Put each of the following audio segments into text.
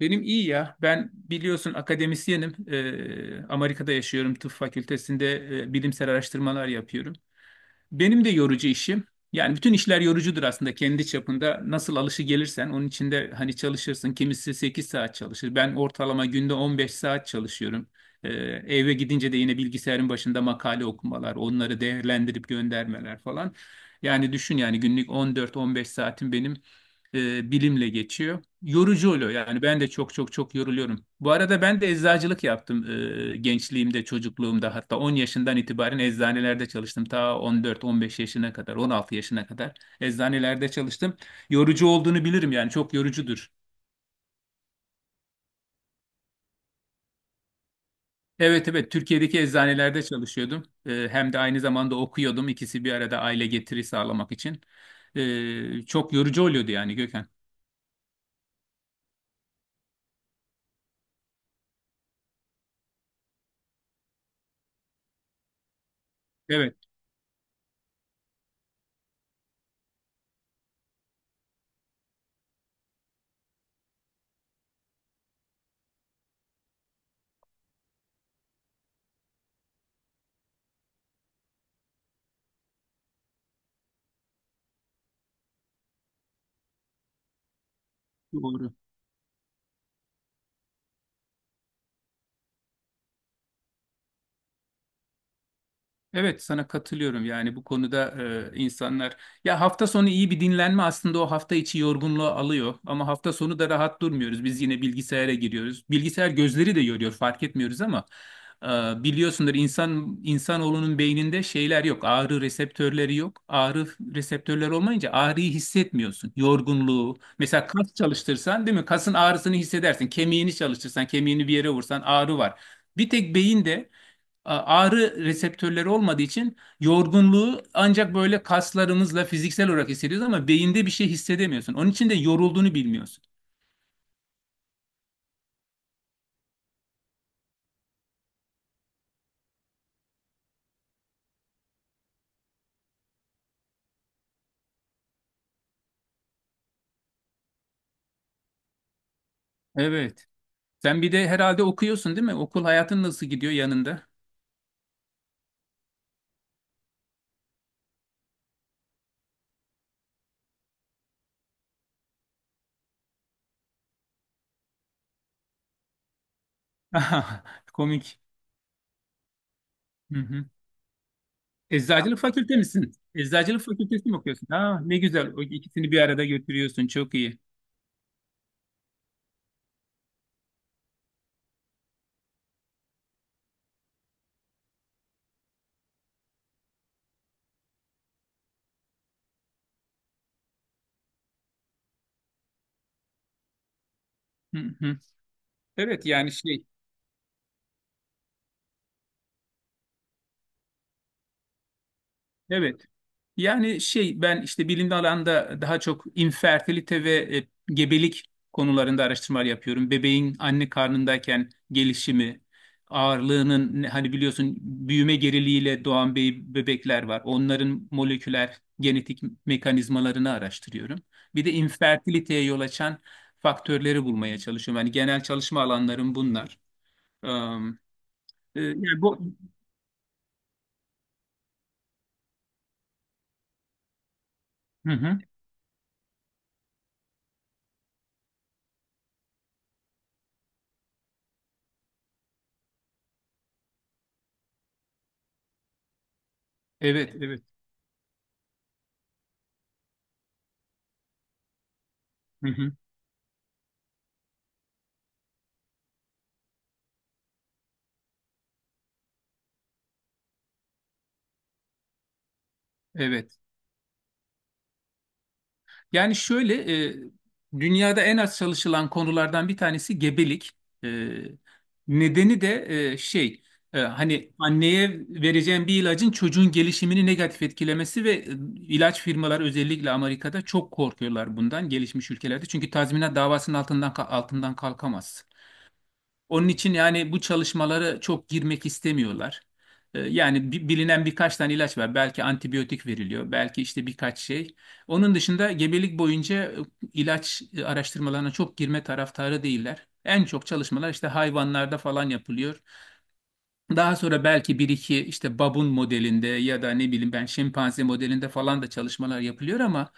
Benim iyi ya. Ben biliyorsun akademisyenim. Amerika'da yaşıyorum. Tıp fakültesinde bilimsel araştırmalar yapıyorum. Benim de yorucu işim. Yani bütün işler yorucudur aslında kendi çapında. Nasıl alışı gelirsen onun içinde hani çalışırsın. Kimisi 8 saat çalışır. Ben ortalama günde 15 saat çalışıyorum. Ee, eve gidince de yine bilgisayarın başında makale okumalar, onları değerlendirip göndermeler falan. Yani düşün yani günlük 14-15 saatim benim bilimle geçiyor yorucu oluyor. Yani ben de çok çok çok yoruluyorum. Bu arada ben de eczacılık yaptım gençliğimde, çocukluğumda. Hatta 10 yaşından itibaren eczanelerde çalıştım. Ta 14-15 yaşına kadar, 16 yaşına kadar eczanelerde çalıştım. Yorucu olduğunu bilirim yani çok yorucudur. Evet evet Türkiye'deki eczanelerde çalışıyordum. Hem de aynı zamanda okuyordum. İkisi bir arada aile getiri sağlamak için. Çok yorucu oluyordu yani Gökhan. Evet doğru. Evet sana katılıyorum yani bu konuda, insanlar ya hafta sonu iyi bir dinlenme aslında o hafta içi yorgunluğu alıyor ama hafta sonu da rahat durmuyoruz biz yine bilgisayara giriyoruz bilgisayar gözleri de yoruyor fark etmiyoruz ama e, biliyorsundur insan insanoğlunun beyninde şeyler yok ağrı reseptörleri yok ağrı reseptörleri olmayınca ağrıyı hissetmiyorsun yorgunluğu mesela kas çalıştırsan değil mi kasın ağrısını hissedersin kemiğini çalıştırsan kemiğini bir yere vursan ağrı var. Bir tek beyinde ağrı reseptörleri olmadığı için yorgunluğu ancak böyle kaslarımızla fiziksel olarak hissediyoruz ama beyinde bir şey hissedemiyorsun. Onun için de yorulduğunu bilmiyorsun. Evet. Sen bir de herhalde okuyorsun değil mi? Okul hayatın nasıl gidiyor yanında? Komik. Hı hı. Eczacılık fakülte misin? Eczacılık fakültesi mi okuyorsun? Aa, ne güzel. O ikisini bir arada götürüyorsun. Çok iyi. Hı hı. Evet yani şey. Evet. Yani şey ben işte bilimli alanda daha çok infertilite ve gebelik konularında araştırmalar yapıyorum. Bebeğin anne karnındayken gelişimi, ağırlığının hani biliyorsun büyüme geriliğiyle doğan bebekler var. Onların moleküler genetik mekanizmalarını araştırıyorum. Bir de infertiliteye yol açan faktörleri bulmaya çalışıyorum. Yani genel çalışma alanlarım bunlar. Am, e, yani bu... Hı hı. Evet, evet. Hı hı. Evet. Yani şöyle, dünyada en az çalışılan konulardan bir tanesi gebelik. E, nedeni de e, şey, hani anneye vereceğim bir ilacın çocuğun gelişimini negatif etkilemesi ve ilaç firmaları özellikle Amerika'da çok korkuyorlar bundan gelişmiş ülkelerde. Çünkü tazminat davasının altından altından kalkamaz. Onun için yani bu çalışmalara çok girmek istemiyorlar. Yani bilinen birkaç tane ilaç var. Belki antibiyotik veriliyor, belki işte birkaç şey. Onun dışında gebelik boyunca ilaç araştırmalarına çok girme taraftarı değiller. En çok çalışmalar işte hayvanlarda falan yapılıyor. Daha sonra belki bir iki işte babun modelinde ya da ne bileyim ben şempanze modelinde falan da çalışmalar yapılıyor ama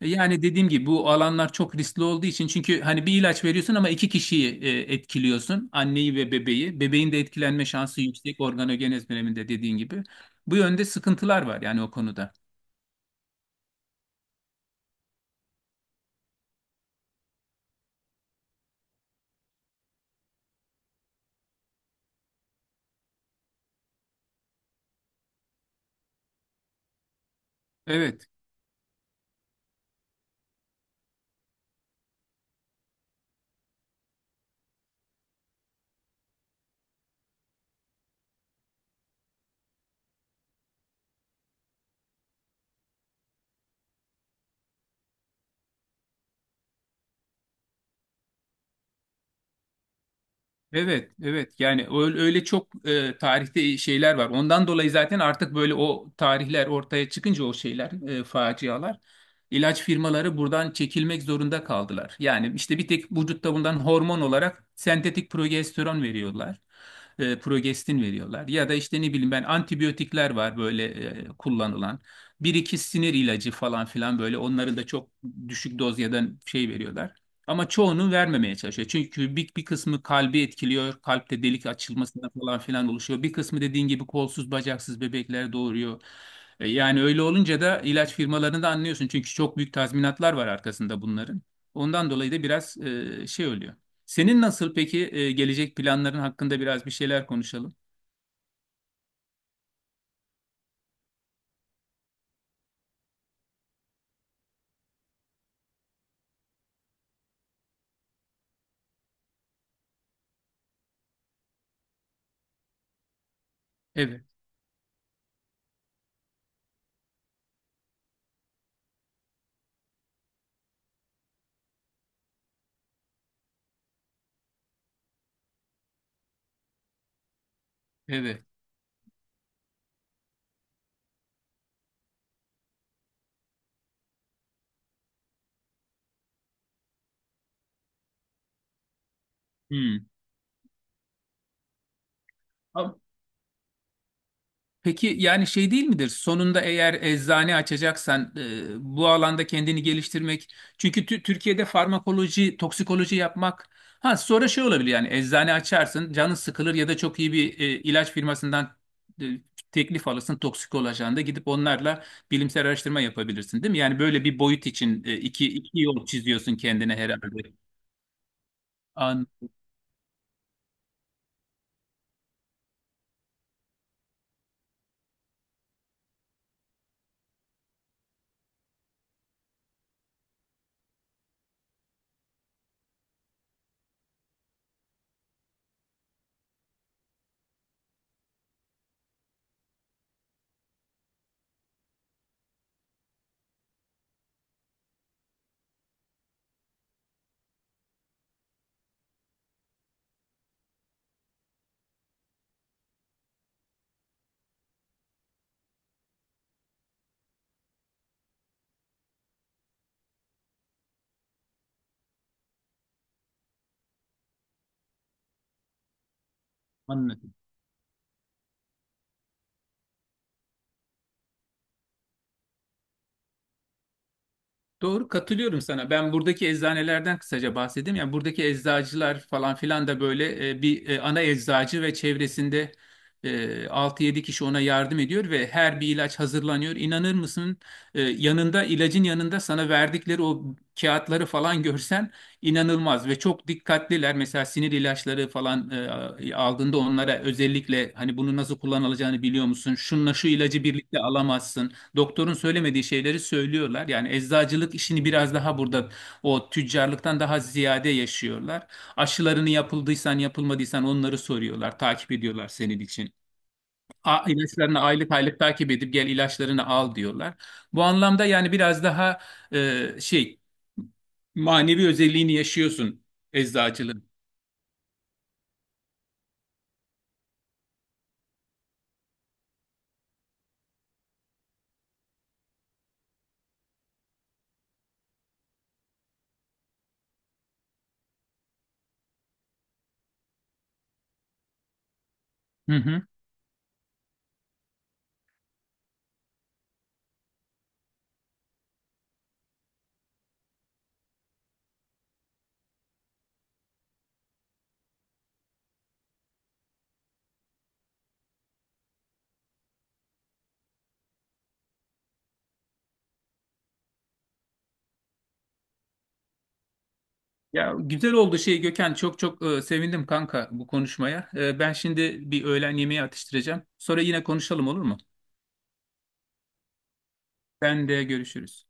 yani dediğim gibi bu alanlar çok riskli olduğu için çünkü hani bir ilaç veriyorsun ama iki kişiyi etkiliyorsun. Anneyi ve bebeği. Bebeğin de etkilenme şansı yüksek organogenez döneminde dediğin gibi. Bu yönde sıkıntılar var yani o konuda. Evet. Evet, evet. Yani öyle, öyle çok tarihte şeyler var. Ondan dolayı zaten artık böyle o tarihler ortaya çıkınca o şeyler, facialar, ilaç firmaları buradan çekilmek zorunda kaldılar. Yani işte bir tek vücutta bundan hormon olarak sentetik progesteron veriyorlar. Progestin veriyorlar. Ya da işte ne bileyim ben antibiyotikler var böyle kullanılan. Bir iki sinir ilacı falan filan böyle onları da çok düşük doz ya da şey veriyorlar. Ama çoğunu vermemeye çalışıyor. Çünkü bir kısmı kalbi etkiliyor. Kalpte delik açılmasına falan filan oluşuyor. Bir kısmı dediğin gibi kolsuz bacaksız bebekler doğuruyor. Yani öyle olunca da ilaç firmalarını da anlıyorsun. Çünkü çok büyük tazminatlar var arkasında bunların. Ondan dolayı da biraz şey oluyor. Senin nasıl peki gelecek planların hakkında biraz bir şeyler konuşalım. Evet, evet. Hmm. Peki yani şey değil midir? Sonunda eğer eczane açacaksan bu alanda kendini geliştirmek. Çünkü Türkiye'de farmakoloji, toksikoloji yapmak. Ha sonra şey olabilir yani eczane açarsın, canın sıkılır ya da çok iyi bir ilaç firmasından e, teklif alırsın toksikoloji ajanında gidip onlarla bilimsel araştırma yapabilirsin değil mi? Yani böyle bir boyut için iki yol çiziyorsun kendine herhalde. An, anladım. Doğru katılıyorum sana. Ben buradaki eczanelerden kısaca bahsedeyim. Yani buradaki eczacılar falan filan da böyle ana eczacı ve çevresinde 6-7 kişi ona yardım ediyor ve her bir ilaç hazırlanıyor. İnanır mısın? Yanında ilacın yanında sana verdikleri o kağıtları falan görsen inanılmaz ve çok dikkatliler. Mesela sinir ilaçları falan aldığında onlara özellikle hani bunu nasıl kullanılacağını biliyor musun? Şununla şu ilacı birlikte alamazsın. Doktorun söylemediği şeyleri söylüyorlar. Yani eczacılık işini biraz daha burada o tüccarlıktan daha ziyade yaşıyorlar. Aşılarını yapıldıysan yapılmadıysan onları soruyorlar, takip ediyorlar senin için. A, ilaçlarını aylık aylık takip edip gel ilaçlarını al diyorlar. Bu anlamda yani biraz daha e, şey manevi özelliğini yaşıyorsun eczacılığın. Hı hı. Ya güzel oldu şey Gökhan çok çok sevindim kanka bu konuşmaya. Ben şimdi bir öğlen yemeği atıştıracağım. Sonra yine konuşalım olur mu? Ben de görüşürüz.